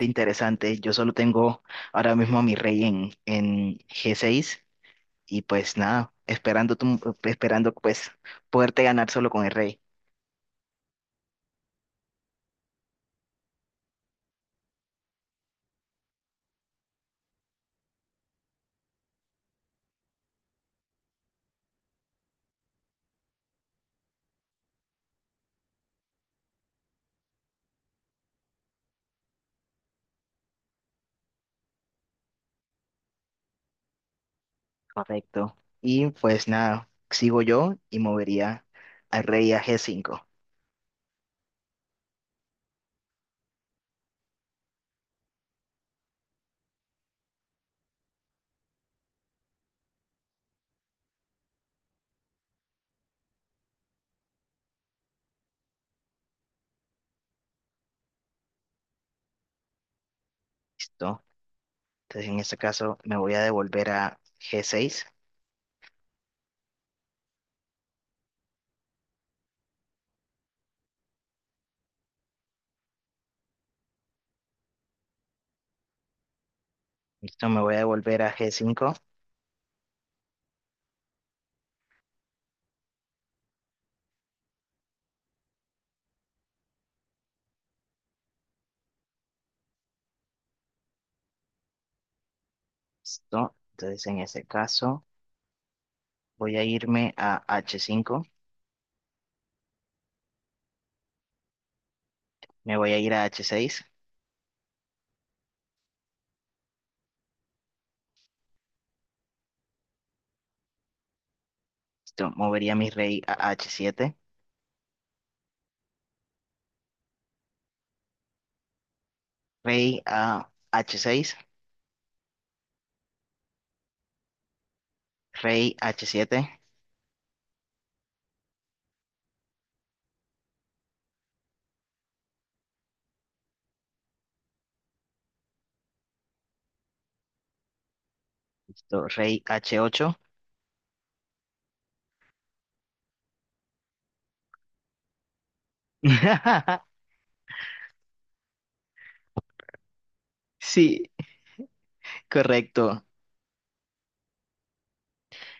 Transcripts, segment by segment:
Interesante. Yo solo tengo ahora mismo a mi rey en G6 y pues nada, esperando, esperando pues poderte ganar solo con el rey. Correcto. Y pues nada, sigo yo y movería al rey a G5. ¿Listo? Entonces en este caso me voy a devolver a G6. ¿Listo? Me voy a devolver a G5. ¿Listo? Entonces en ese caso voy a irme a H5. Me voy a ir a H6. ¿Listo? Movería a mi rey a H7. Rey a H6, Rey H7, listo, Rey H8. Sí, correcto.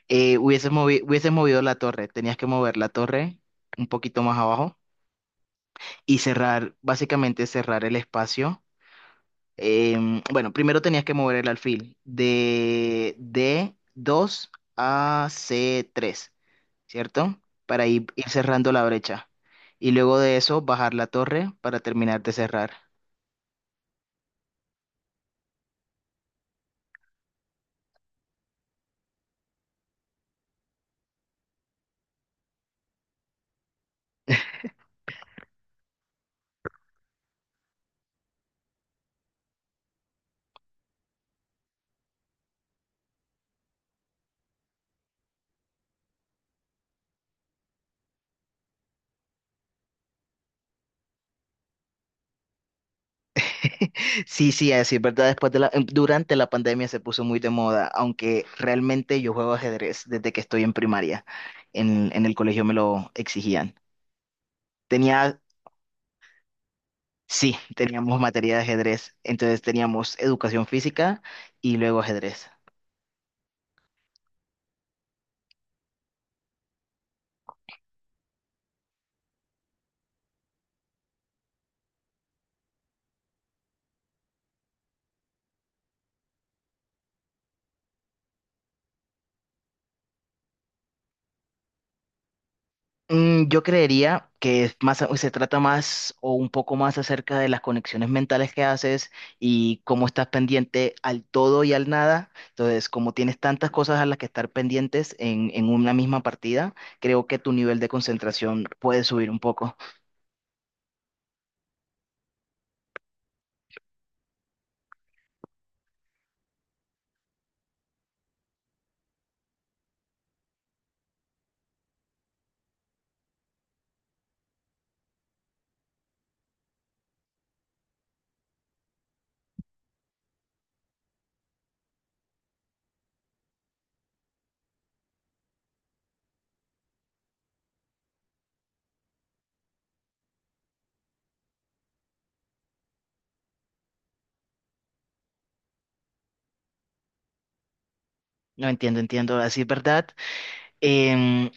Hubieses hubieses movido la torre, tenías que mover la torre un poquito más abajo y cerrar, básicamente cerrar el espacio. Bueno, primero tenías que mover el alfil de D2 a C3, ¿cierto? Para ir cerrando la brecha. Y luego de eso, bajar la torre para terminar de cerrar. Sí, sí, así es verdad. Después de la, durante la pandemia se puso muy de moda, aunque realmente yo juego ajedrez desde que estoy en primaria. En el colegio me lo exigían. Tenía, sí, teníamos materia de ajedrez, entonces teníamos educación física y luego ajedrez. Mm, yo creería que es más, se trata más o un poco más acerca de las conexiones mentales que haces y cómo estás pendiente al todo y al nada. Entonces, como tienes tantas cosas a las que estar pendientes en una misma partida, creo que tu nivel de concentración puede subir un poco. No entiendo, entiendo, así es verdad. Em,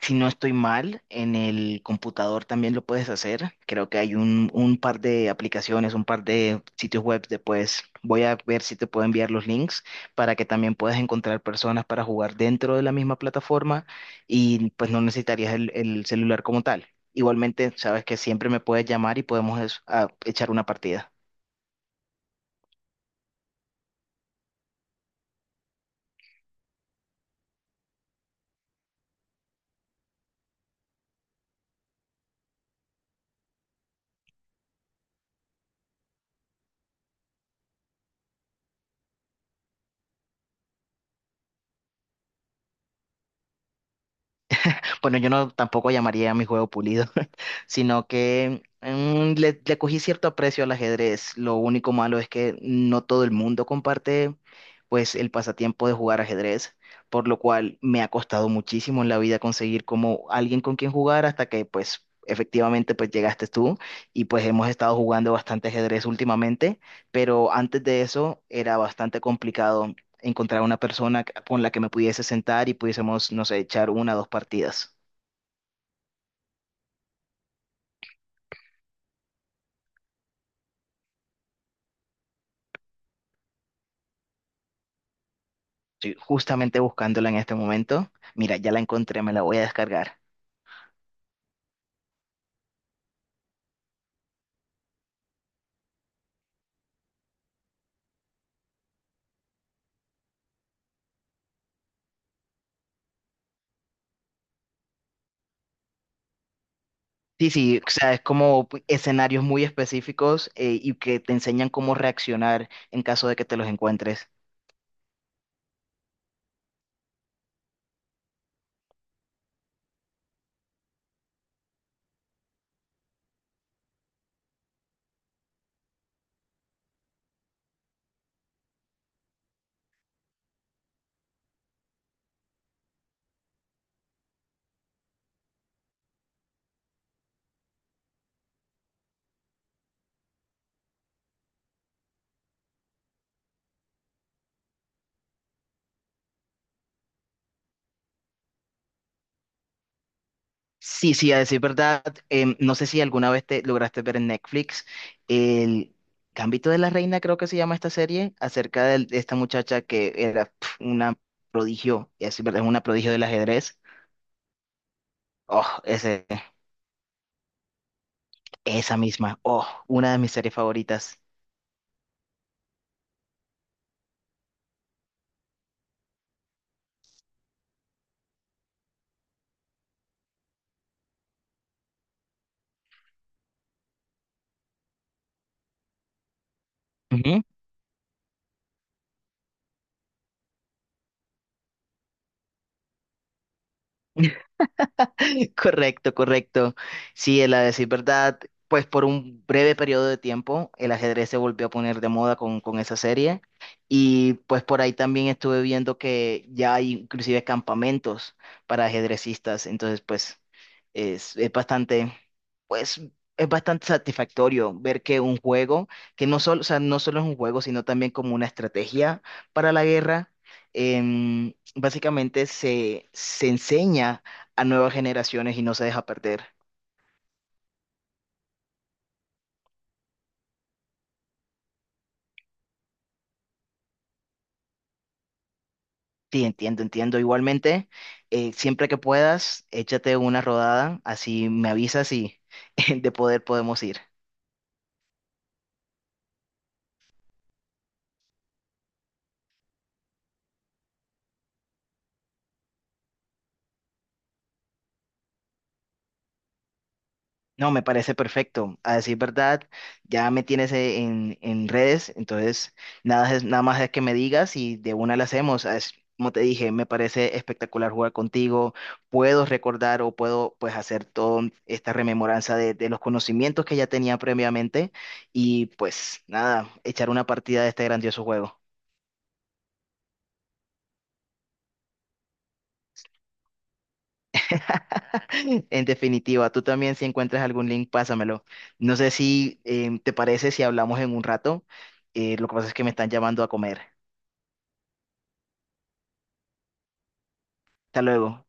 Si no estoy mal, en el computador también lo puedes hacer. Creo que hay un par de aplicaciones, un par de sitios web después. Voy a ver si te puedo enviar los links para que también puedas encontrar personas para jugar dentro de la misma plataforma y pues no necesitarías el celular como tal. Igualmente, sabes que siempre me puedes llamar y podemos echar una partida. Bueno, yo no tampoco llamaría a mi juego pulido, sino que mm, le cogí cierto aprecio al ajedrez. Lo único malo es que no todo el mundo comparte pues el pasatiempo de jugar ajedrez, por lo cual me ha costado muchísimo en la vida conseguir como alguien con quien jugar hasta que pues efectivamente pues llegaste tú y pues hemos estado jugando bastante ajedrez últimamente, pero antes de eso era bastante complicado encontrar una persona con la que me pudiese sentar y pudiésemos, no sé, echar una o dos partidas. Estoy justamente buscándola en este momento. Mira, ya la encontré, me la voy a descargar. Sí, sí, o sea, es como escenarios muy específicos, y que te enseñan cómo reaccionar en caso de que te los encuentres. Sí, sí, a decir verdad, no sé si alguna vez te lograste ver en Netflix el Gambito de la Reina, creo que se llama esta serie, acerca de esta muchacha que era pf, una prodigio, y a decir verdad, es una prodigio del ajedrez. Oh, ese. Esa misma. Oh, una de mis series favoritas. Ujú. Correcto, correcto. Sí, el a decir verdad, pues por un breve periodo de tiempo el ajedrez se volvió a poner de moda con esa serie y pues por ahí también estuve viendo que ya hay inclusive campamentos para ajedrecistas, entonces pues es bastante, pues es bastante satisfactorio ver que un juego, que no solo, o sea, no solo es un juego, sino también como una estrategia para la guerra, em, básicamente se enseña a nuevas generaciones y no se deja perder. Sí, entiendo, entiendo. Igualmente, siempre que puedas, échate una rodada, así me avisas y de poder podemos ir. No, me parece perfecto. A decir verdad, ya me tienes en redes, entonces nada, nada más es que me digas y de una la hacemos. Es- como te dije, me parece espectacular jugar contigo. Puedo recordar o puedo pues hacer toda esta rememoranza de los conocimientos que ya tenía previamente y pues nada, echar una partida de este grandioso juego. En definitiva, tú también si encuentras algún link, pásamelo. No sé si te parece si hablamos en un rato. Lo que pasa es que me están llamando a comer. Hasta luego.